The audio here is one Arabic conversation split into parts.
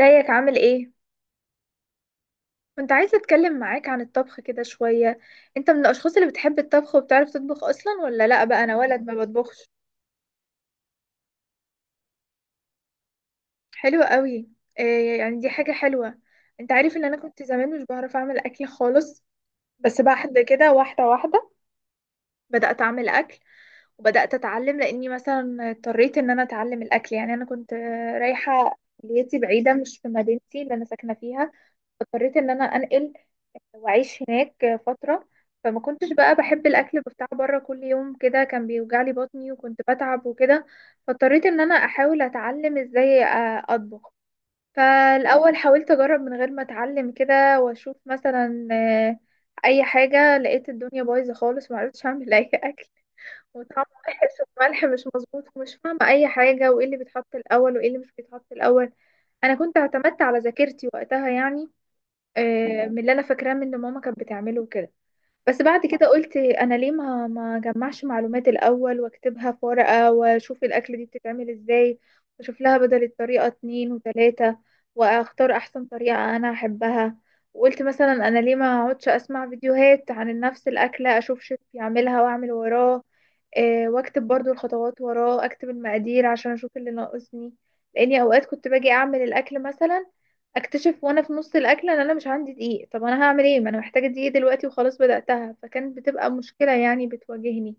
ازيك عامل ايه؟ كنت عايزة اتكلم معاك عن الطبخ كده شوية. انت من الاشخاص اللي بتحب الطبخ وبتعرف تطبخ اصلا ولا لا؟ بقى انا ولد ما بطبخش. حلو قوي. إيه يعني؟ دي حاجة حلوة. انت عارف ان انا كنت زمان مش بعرف اعمل اكل خالص. بس بعد كده واحدة واحدة بدأت اعمل اكل. وبدأت اتعلم لاني مثلا اضطريت ان انا اتعلم الاكل. يعني انا كنت رايحة كليتي بعيدة مش في مدينتي اللي انا ساكنة فيها. اضطريت ان انا انقل وعيش هناك فترة. فما كنتش بقى بحب الأكل بتاع بره كل يوم كده، كان بيوجعلي بطني وكنت بتعب وكده. فاضطريت إن أنا أحاول أتعلم إزاي أطبخ. فالأول حاولت أجرب من غير ما أتعلم كده وأشوف مثلا أي حاجة. لقيت الدنيا بايظة خالص، معرفتش أعمل أي أكل. وطعمه وحش، والملح مش مظبوط ومش فاهمة أي حاجة، وإيه اللي بيتحط الأول وإيه اللي مش بيتحط الأول. أنا كنت اعتمدت على ذاكرتي وقتها يعني. من اللي أنا فاكراه من اللي ماما كانت بتعمله وكده. بس بعد كده قلت انا ليه ما جمعش معلومات الاول واكتبها في ورقة واشوف الاكل دي بتتعمل ازاي. واشوف لها بدل الطريقة اتنين وتلاتة واختار احسن طريقة انا احبها. وقلت مثلا انا ليه ما اقعدش اسمع فيديوهات عن نفس الاكلة اشوف شيف يعملها واعمل وراه. واكتب برضو الخطوات وراه، اكتب المقادير عشان اشوف اللي ناقصني. لاني اوقات كنت باجي اعمل الاكل مثلا اكتشف وانا في نص الاكل ان انا مش عندي دقيق. طب انا هعمل ايه؟ ما انا محتاجه دقيق دلوقتي وخلاص بداتها. فكانت بتبقى مشكله يعني بتواجهني.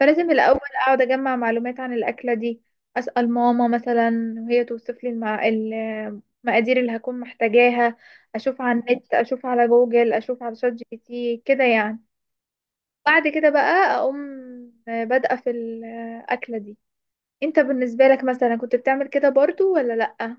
فلازم الاول اقعد اجمع معلومات عن الاكله دي. اسال ماما مثلا وهي توصف لي المقادير اللي هكون محتاجاها. اشوف على النت، اشوف على جوجل، اشوف على شات جي بي تي كده يعني. بعد كده بقى اقوم بادئه في الاكله دي. انت بالنسبه لك مثلا كنت بتعمل كده برضو ولا لا؟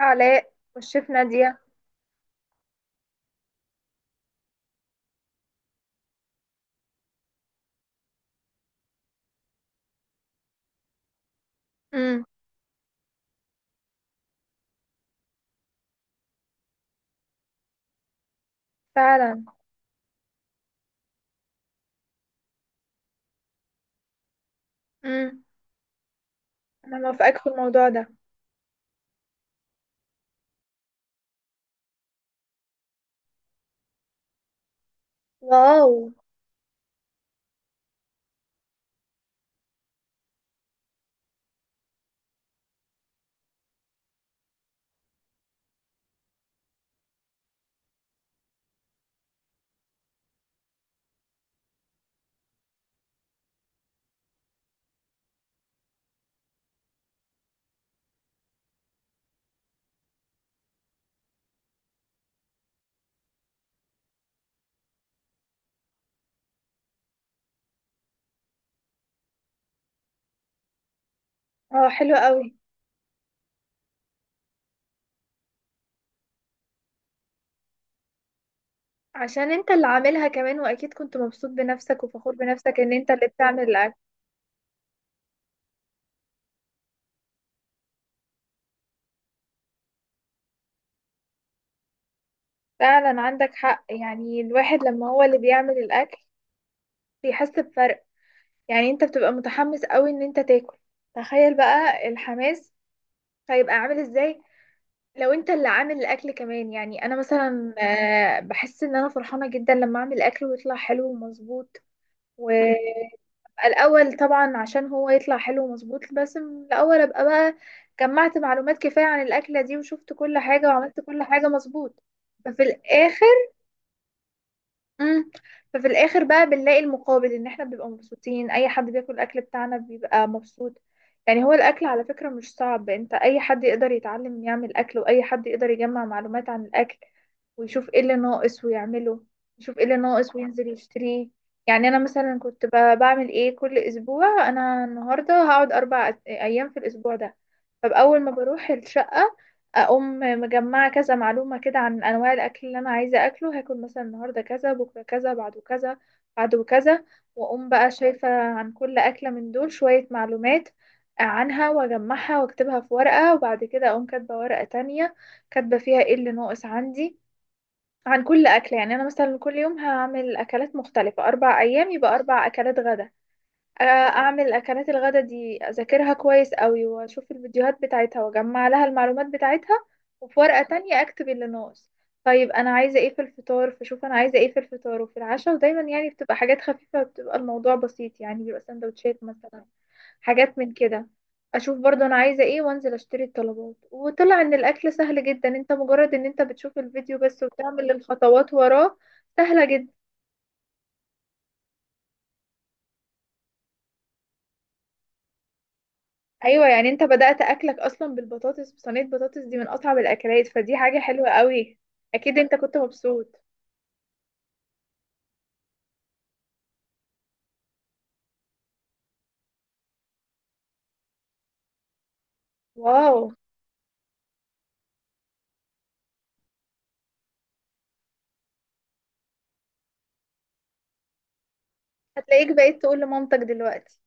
علاء والشيف نادية. امم. فعلا. امم. انا موافقاك في الموضوع ده. واو. اه، حلو قوي. عشان انت اللي عاملها كمان، واكيد كنت مبسوط بنفسك وفخور بنفسك ان انت اللي بتعمل الاكل. فعلا عندك حق، يعني الواحد لما هو اللي بيعمل الاكل بيحس بفرق. يعني انت بتبقى متحمس قوي ان انت تاكل. تخيل بقى الحماس هيبقى عامل ازاي لو انت اللي عامل الاكل كمان. يعني انا مثلا بحس ان انا فرحانة جدا لما اعمل اكل ويطلع حلو ومظبوط. و الأول طبعا عشان هو يطلع حلو ومظبوط بس من الأول أبقى بقى جمعت معلومات كفاية عن الأكلة دي وشفت كل حاجة وعملت كل حاجة مظبوط. ففي الآخر مم. ففي الاخر بقى بنلاقي المقابل ان احنا بنبقى مبسوطين. اي حد بياكل الاكل بتاعنا بيبقى مبسوط. يعني هو الاكل على فكرة مش صعب. انت اي حد يقدر يتعلم يعمل اكل، واي حد يقدر يجمع معلومات عن الاكل ويشوف ايه اللي ناقص ويعمله. يشوف ايه اللي ناقص وينزل يشتريه. يعني انا مثلا كنت بعمل ايه كل اسبوع. انا النهارده هقعد اربع ايام في الاسبوع ده. فباول ما بروح الشقة اقوم مجمعه كذا معلومه كده عن انواع الاكل اللي انا عايزه اكله. هاكل مثلا النهارده كذا، بكره كذا، بعده كذا، بعده كذا. واقوم بقى شايفه عن كل اكله من دول شويه معلومات عنها واجمعها واكتبها في ورقه. وبعد كده اقوم كاتبه ورقه تانية كاتبه فيها ايه اللي ناقص عندي عن كل اكله. يعني انا مثلا كل يوم هعمل اكلات مختلفه، 4 ايام يبقى 4 اكلات غدا. اعمل اكلات الغدا دي اذاكرها كويس قوي واشوف الفيديوهات بتاعتها واجمع لها المعلومات بتاعتها. وفي ورقة تانية اكتب اللي ناقص. طيب انا عايزة ايه في الفطار؟ فشوف انا عايزة ايه في الفطار وفي العشاء. ودايما يعني بتبقى حاجات خفيفة، بتبقى الموضوع بسيط يعني، بيبقى سندوتشات مثلا، حاجات من كده. اشوف برضو انا عايزة ايه وانزل اشتري الطلبات. وطلع ان الاكل سهل جدا، انت مجرد ان انت بتشوف الفيديو بس وبتعمل الخطوات وراه. سهلة جدا. ايوه، يعني انت بدأت اكلك اصلا بالبطاطس، بصينية بطاطس دي من اصعب الاكلات، فدي حاجة حلوة قوي. اكيد انت كنت مبسوط. واو. هتلاقيك بقيت تقول لمامتك دلوقتي.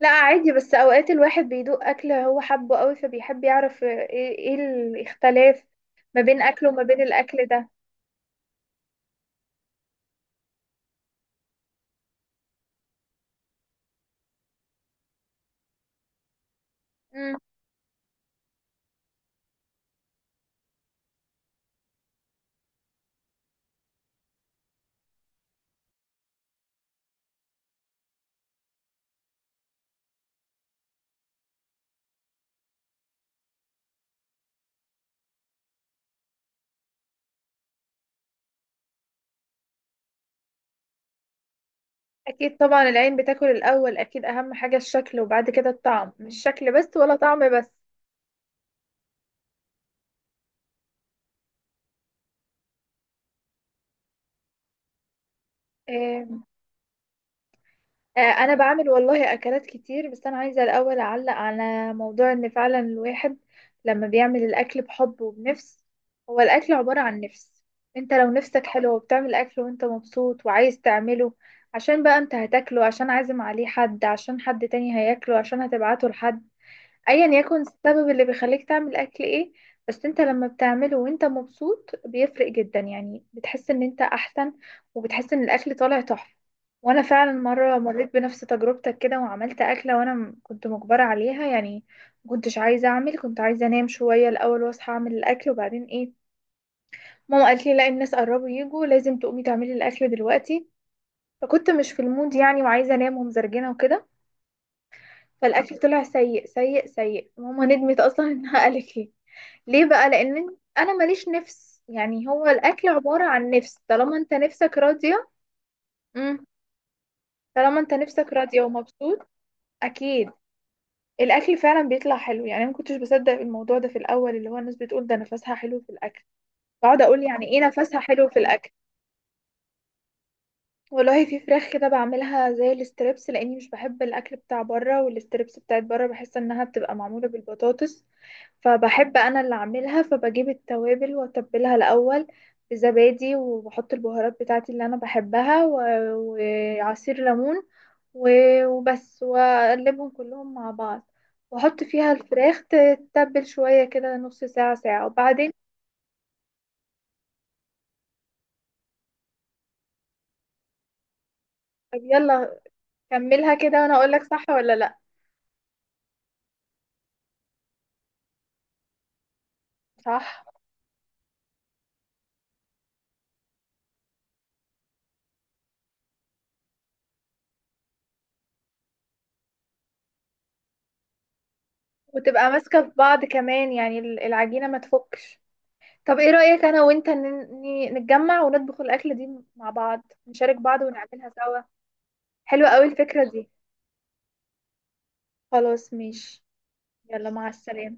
لا عادي، بس اوقات الواحد بيدوق اكل هو حبه قوي فبيحب يعرف ايه، إيه الاختلاف ما بين اكله وما بين الاكل ده. مم. اكيد طبعا، العين بتاكل الاول اكيد، اهم حاجة الشكل وبعد كده الطعم. مش شكل بس ولا طعم بس. آه، انا بعمل والله اكلات كتير، بس انا عايزه الاول اعلق على موضوع ان فعلا الواحد لما بيعمل الاكل بحب وبنفس. هو الاكل عباره عن نفس. انت لو نفسك حلوه وبتعمل اكل وانت مبسوط وعايز تعمله، عشان بقى انت هتاكله، عشان عازم عليه حد، عشان حد تاني هياكله، عشان هتبعته لحد، ايا يكن السبب اللي بيخليك تعمل اكل ايه، بس انت لما بتعمله وانت مبسوط بيفرق جدا. يعني بتحس ان انت احسن وبتحس ان الاكل طالع تحفة. وانا فعلا مرة مريت بنفس تجربتك كده وعملت اكلة وانا كنت مجبرة عليها يعني. ما كنتش عايزة اعمل، كنت عايزة انام شوية الاول واصحى اعمل الاكل وبعدين ايه. ماما قالت لي لا، الناس قربوا يجوا لازم تقومي تعملي الاكل دلوقتي. فكنت مش في المود يعني، وعايزة انام ومزرجنة وكده. فالاكل طلع سيء سيء سيء. ماما ندمت اصلا انها قالت لي ليه بقى، لان انا ماليش نفس. يعني هو الاكل عبارة عن نفس، طالما انت نفسك راضية. امم. طالما انت نفسك راضية ومبسوط. اكيد. الاكل فعلا بيطلع حلو. يعني انا ما كنتش بصدق الموضوع ده في الاول اللي هو الناس بتقول ده نفسها حلو في الاكل. بقعد اقول يعني ايه نفسها حلو في الاكل. والله في فراخ كده بعملها زي الاستريبس، لاني مش بحب الاكل بتاع بره، والاستريبس بتاعت بره بحس انها بتبقى معموله بالبطاطس. فبحب انا اللي اعملها. فبجيب التوابل واتبلها الاول بزبادي وبحط البهارات بتاعتي اللي انا بحبها و- وعصير ليمون و- وبس، واقلبهم كلهم مع بعض. واحط فيها الفراخ تتبل شويه كده نص ساعه ساعه وبعدين. طب يلا كملها كده وانا اقولك صح ولا لا. صح. وتبقى ماسكة في بعض كمان، يعني العجينة ما تفكش. طب ايه رأيك انا وانت نتجمع ونطبخ الأكلة دي مع بعض، نشارك بعض ونعملها سوا. حلوة قوي الفكرة دي. خلاص ماشي. يلا مع السلامة.